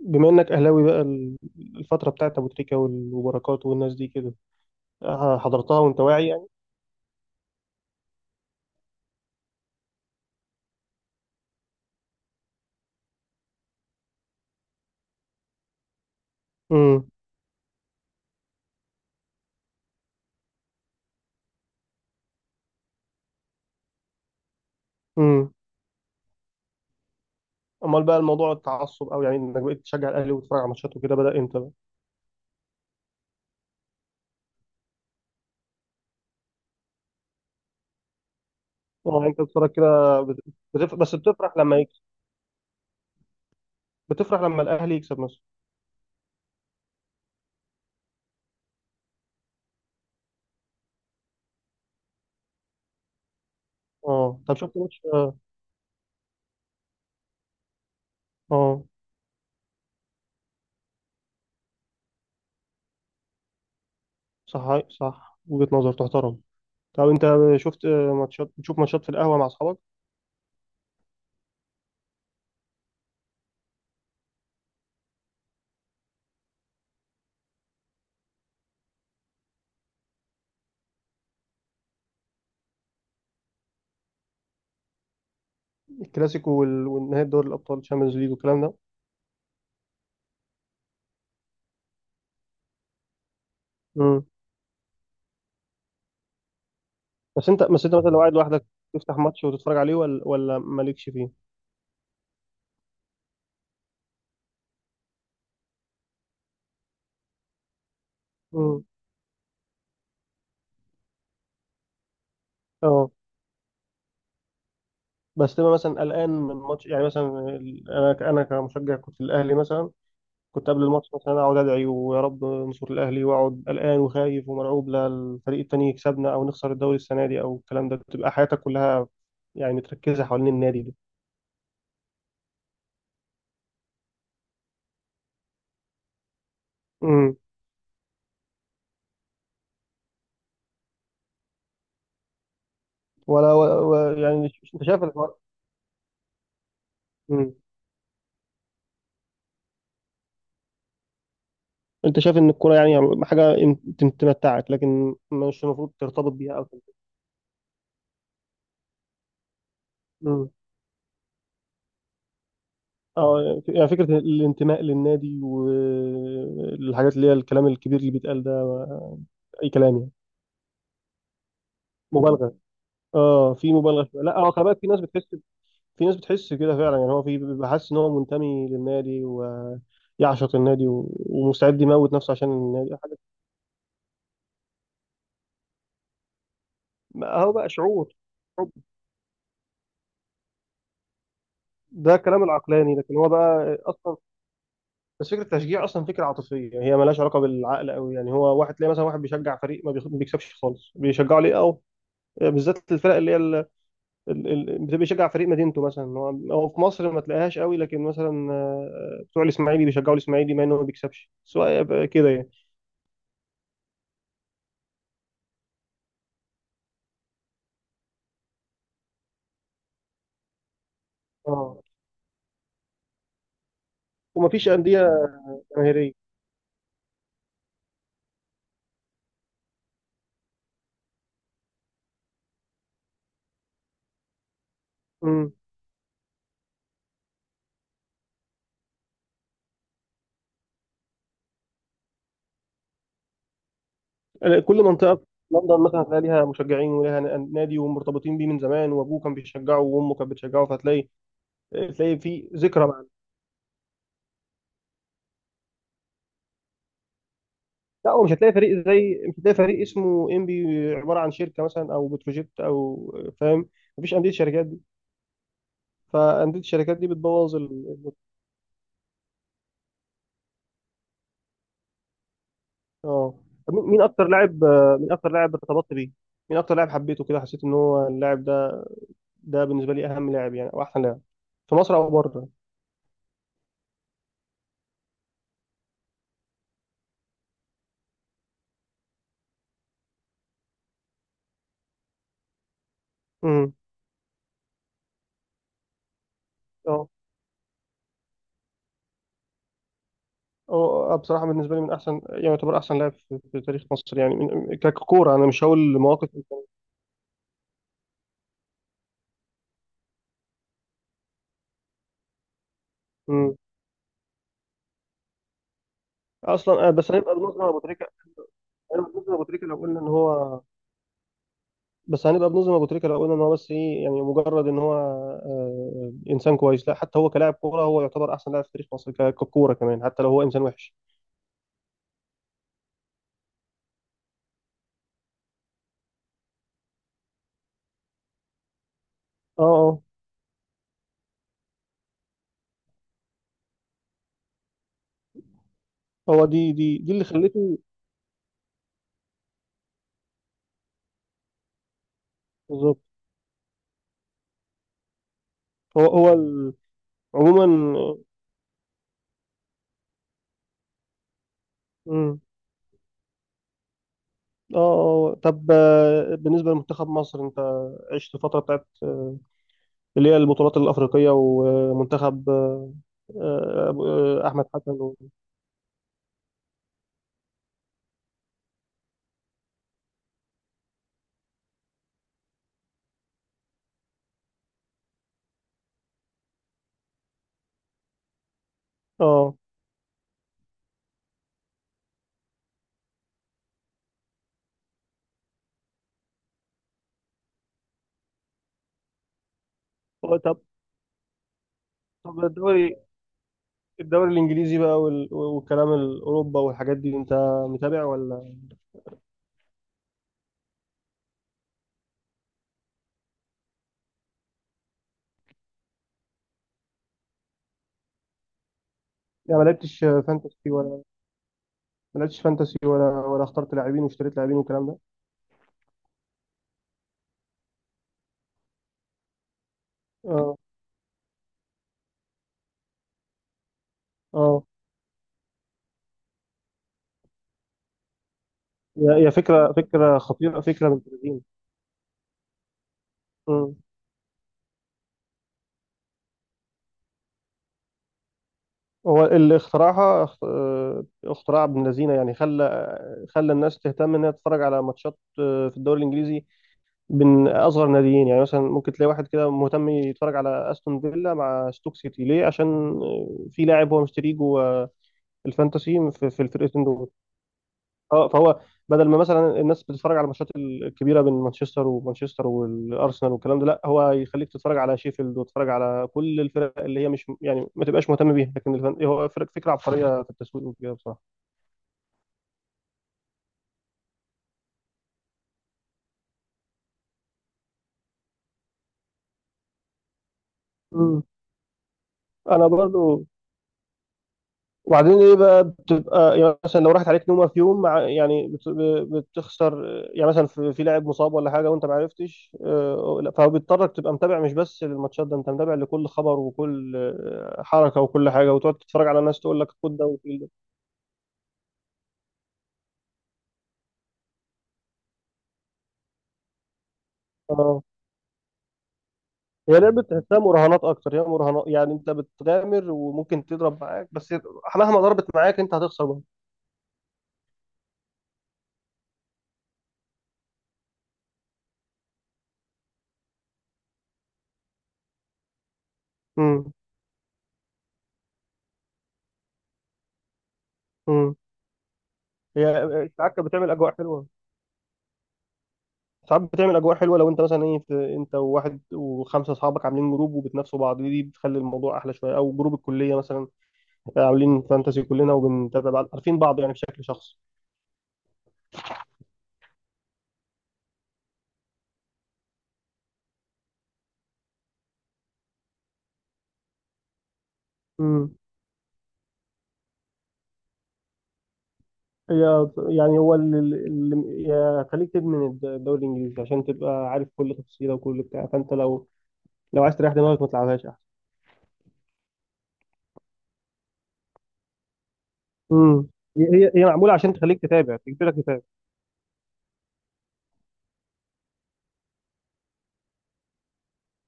بما انك اهلاوي بقى الفتره بتاعت ابو تريكه وبركات والناس دي كده، حضرتها وانت واعي يعني. امم. امم. امال بقى الموضوع التعصب او يعني انك بقيت تشجع الاهلي وتتفرج على ماتشاته كده بدا امتى بقى؟ اه انت بتتفرج كده بس بتفرح لما يكسب؟ بتفرح لما الاهلي يكسب مثلا؟ اه طب شفت ماتش اه. آه، صح صح، وجهه نظر تحترم. طب انت شفت ماتشات، بتشوف ماتشات في القهوه مع اصحابك؟ الكلاسيكو والنهائي دوري الابطال الشامبيونز ليج والكلام ده. بس انت مثلا لو قاعد لوحدك تفتح ماتش وتتفرج عليه ولا مالكش فيه؟ مم. اه بس تبقى مثلا قلقان من ماتش؟ يعني مثلا انا كمشجع كنت الاهلي مثلا، كنت قبل الماتش مثلا اقعد ادعي ويا رب نصر الاهلي، واقعد قلقان وخايف ومرعوب لا الفريق التاني يكسبنا او نخسر الدوري السنه دي او الكلام ده. بتبقى حياتك كلها يعني متركزه حوالين النادي ده. امم. ولا و... و... يعني ش- انت شايف الحوار؟ امم. انت شايف ان الكوره يعني حاجه تمتعك، لكن مش المفروض ترتبط بيها او كده؟ اه يعني فكرة الانتماء للنادي والحاجات اللي هي الكلام الكبير اللي بيتقال ده، اي كلام يعني، مبالغه. اه في مبالغه شوية. لا هو خلي بالك، في ناس بتحس، في ناس بتحس كده فعلا. يعني هو في بيبقى حاسس ان هو منتمي للنادي ويعشق النادي ومستعد يموت نفسه عشان النادي حاجه. ما هو بقى شعور حب. ده كلام العقلاني لكن هو بقى اصلا، بس فكره التشجيع اصلا فكره عاطفيه، يعني هي مالهاش علاقه بالعقل قوي. يعني هو واحد تلاقي مثلا واحد بيشجع فريق ما بيكسبش خالص، بيشجعه ليه؟ اه بالذات الفرق اللي هي بتبقى بيشجع فريق مدينته مثلا. هو في مصر ما تلاقيهاش قوي، لكن مثلا بتوع الاسماعيلي بيشجعوا الاسماعيلي مع انه ما بيكسبش، سواء يبقى كده يعني. اه ومفيش انديه جماهيريه. امم. كل منطقه في لندن مثلا هتلاقي ليها مشجعين وليها نادي، ومرتبطين بيه من زمان، وابوه كان بيشجعه وامه كانت بتشجعه، فهتلاقي تلاقي في ذكرى معاه. لا، ومش هتلاقي فريق زي، مش هتلاقي فريق اسمه انبي، عباره عن شركه مثلا او بتروجيت او، فاهم؟ مفيش انديه شركات دي. فانديه الشركات دي اه طب مين اكتر لاعب، مين اكتر لاعب ارتبطت بيه؟ مين اكتر لاعب حبيته كده، حسيت ان هو اللاعب ده بالنسبه لي اهم لاعب يعني، او احسن لاعب في مصر او بره؟ امم. اه اه بصراحه بالنسبه لي من احسن، يعني يعتبر احسن لاعب في في تاريخ مصر يعني ككوره، انا مش هقول مواقف. امم. اصلا بس هنبقى بنظلم ابو تريكه، هنبقى بنظلم ابو تريكه لو قلنا ان هو، بس هنبقى بنظلم ابو تريكه لو قلنا ان هو بس ايه، يعني مجرد ان هو انسان كويس. لا حتى هو كلاعب كوره هو يعتبر احسن لاعب في تاريخ مصر ككوره كمان، حتى لو هو انسان وحش. اه اه هو دي اللي خلته. بالظبط. هو هو ال... عموما. مم. اه اه طب بالنسبه لمنتخب مصر، انت عشت الفتره بتاعت اللي هي البطولات الافريقيه ومنتخب احمد حسن اه. هو طب، طب الدوري، الدوري الانجليزي بقى والكلام الاوروبا والحاجات دي، انت متابع ولا؟ يعني ما لعبتش فانتسي ولا، ما لعبتش فانتسي ولا اخترت لاعبين واشتريت لاعبين والكلام ده؟ اه اه هي فكرة خطيرة، فكرة بنت لذينة. مم. هو اللي اخترعها اختراع ابن لذينة. يعني خلى الناس تهتم انها تتفرج على ماتشات في الدوري الانجليزي من اصغر ناديين. يعني مثلا ممكن تلاقي واحد كده مهتم يتفرج على استون فيلا مع ستوك سيتي ليه؟ عشان في لاعب هو مشتريه جوه الفانتسي في في الفرقتين دول. اه فهو بدل ما مثلا الناس بتتفرج على الماتشات الكبيره بين مانشستر ومانشستر والارسنال والكلام ده، لا هو يخليك تتفرج على شيفيلد وتتفرج على كل الفرق اللي هي مش، يعني ما تبقاش مهتم بيها، لكن الفن هو فرق، فكره عبقريه في التسويق وكده بصراحه. مم. انا برضو. وبعدين ايه بقى، بتبقى يعني مثلا لو راحت عليك نومه في يوم مع يعني بتخسر. يعني مثلا في في لاعب مصاب ولا حاجه وانت ما عرفتش لا، فبيضطرك تبقى متابع مش بس للماتشات، ده انت متابع لكل خبر وكل حركه وكل حاجه، وتقعد تتفرج على ناس تقول لك خد ده وشيل ده. اه هي لعبه تحسها مراهنات اكتر، هي مراهنات. يعني انت بتغامر وممكن تضرب معاك، بس مهما ضربت معاك انت هتخسر برضه. امم. امم. هي ساعات كانت بتعمل اجواء حلوه، ساعات بتعمل اجواء حلوه لو انت مثلا ايه، في انت وواحد وخمسه اصحابك عاملين جروب وبتنافسوا بعض، دي بتخلي الموضوع احلى شويه، او جروب الكليه مثلا عاملين فانتسي كلنا وبنتابع بعض عارفين بعض يعني بشكل شخصي. امم. هي يعني هو خليك تدمن الدوري الانجليزي عشان تبقى عارف كل تفصيله وكل بتاع. فانت لو، لو عايز تريح دماغك ما تلعبهاش احسن. امم. هي معموله عشان تخليك تتابع، تجبرك تتابع.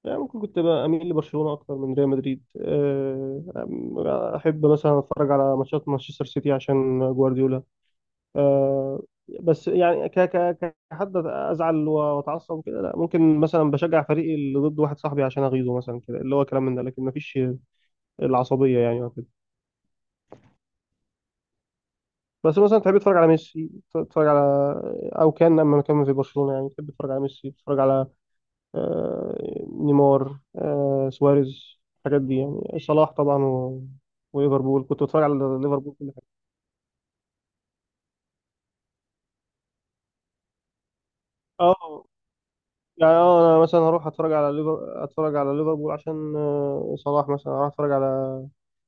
يعني ممكن كنت بقى اميل لبرشلونه اكتر من ريال مدريد. احب مثلا اتفرج على ماتشات مانشستر سيتي عشان جوارديولا. أه، بس يعني ك ك كحد ازعل واتعصب وكده لا. ممكن مثلا بشجع فريقي اللي ضد واحد صاحبي عشان اغيظه مثلا كده، اللي هو كلام من ده، لكن مفيش العصبيه يعني أو كده. بس مثلا تحب تتفرج على ميسي، تتفرج على، او كان لما كان في برشلونه يعني تحب تتفرج على ميسي تتفرج على آه، نيمار، سواريز، الحاجات دي. يعني صلاح طبعا وليفربول، كنت بتفرج على ليفربول كل حاجه. اه يعني اه انا مثلا هروح اتفرج على ليفر، اتفرج على ليفربول عشان صلاح، مثلا هروح اتفرج على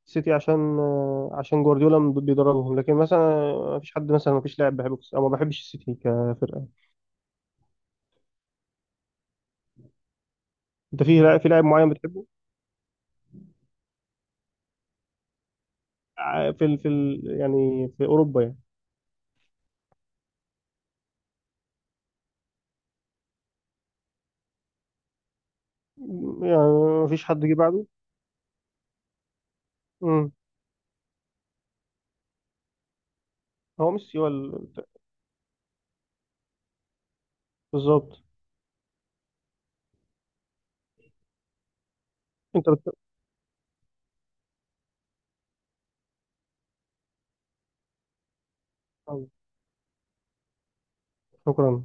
سيتي عشان عشان جوارديولا بيدربهم، لكن مثلا ما فيش حد مثلا، ما فيش لاعب بحبه او ما بحبش السيتي كفرقه. انت في لاعب، في لاعب معين بتحبه؟ يعني في اوروبا يعني؟ يعني ما فيش حد جه بعده؟ امم. هو ميسي هو بالظبط. انت شكرا.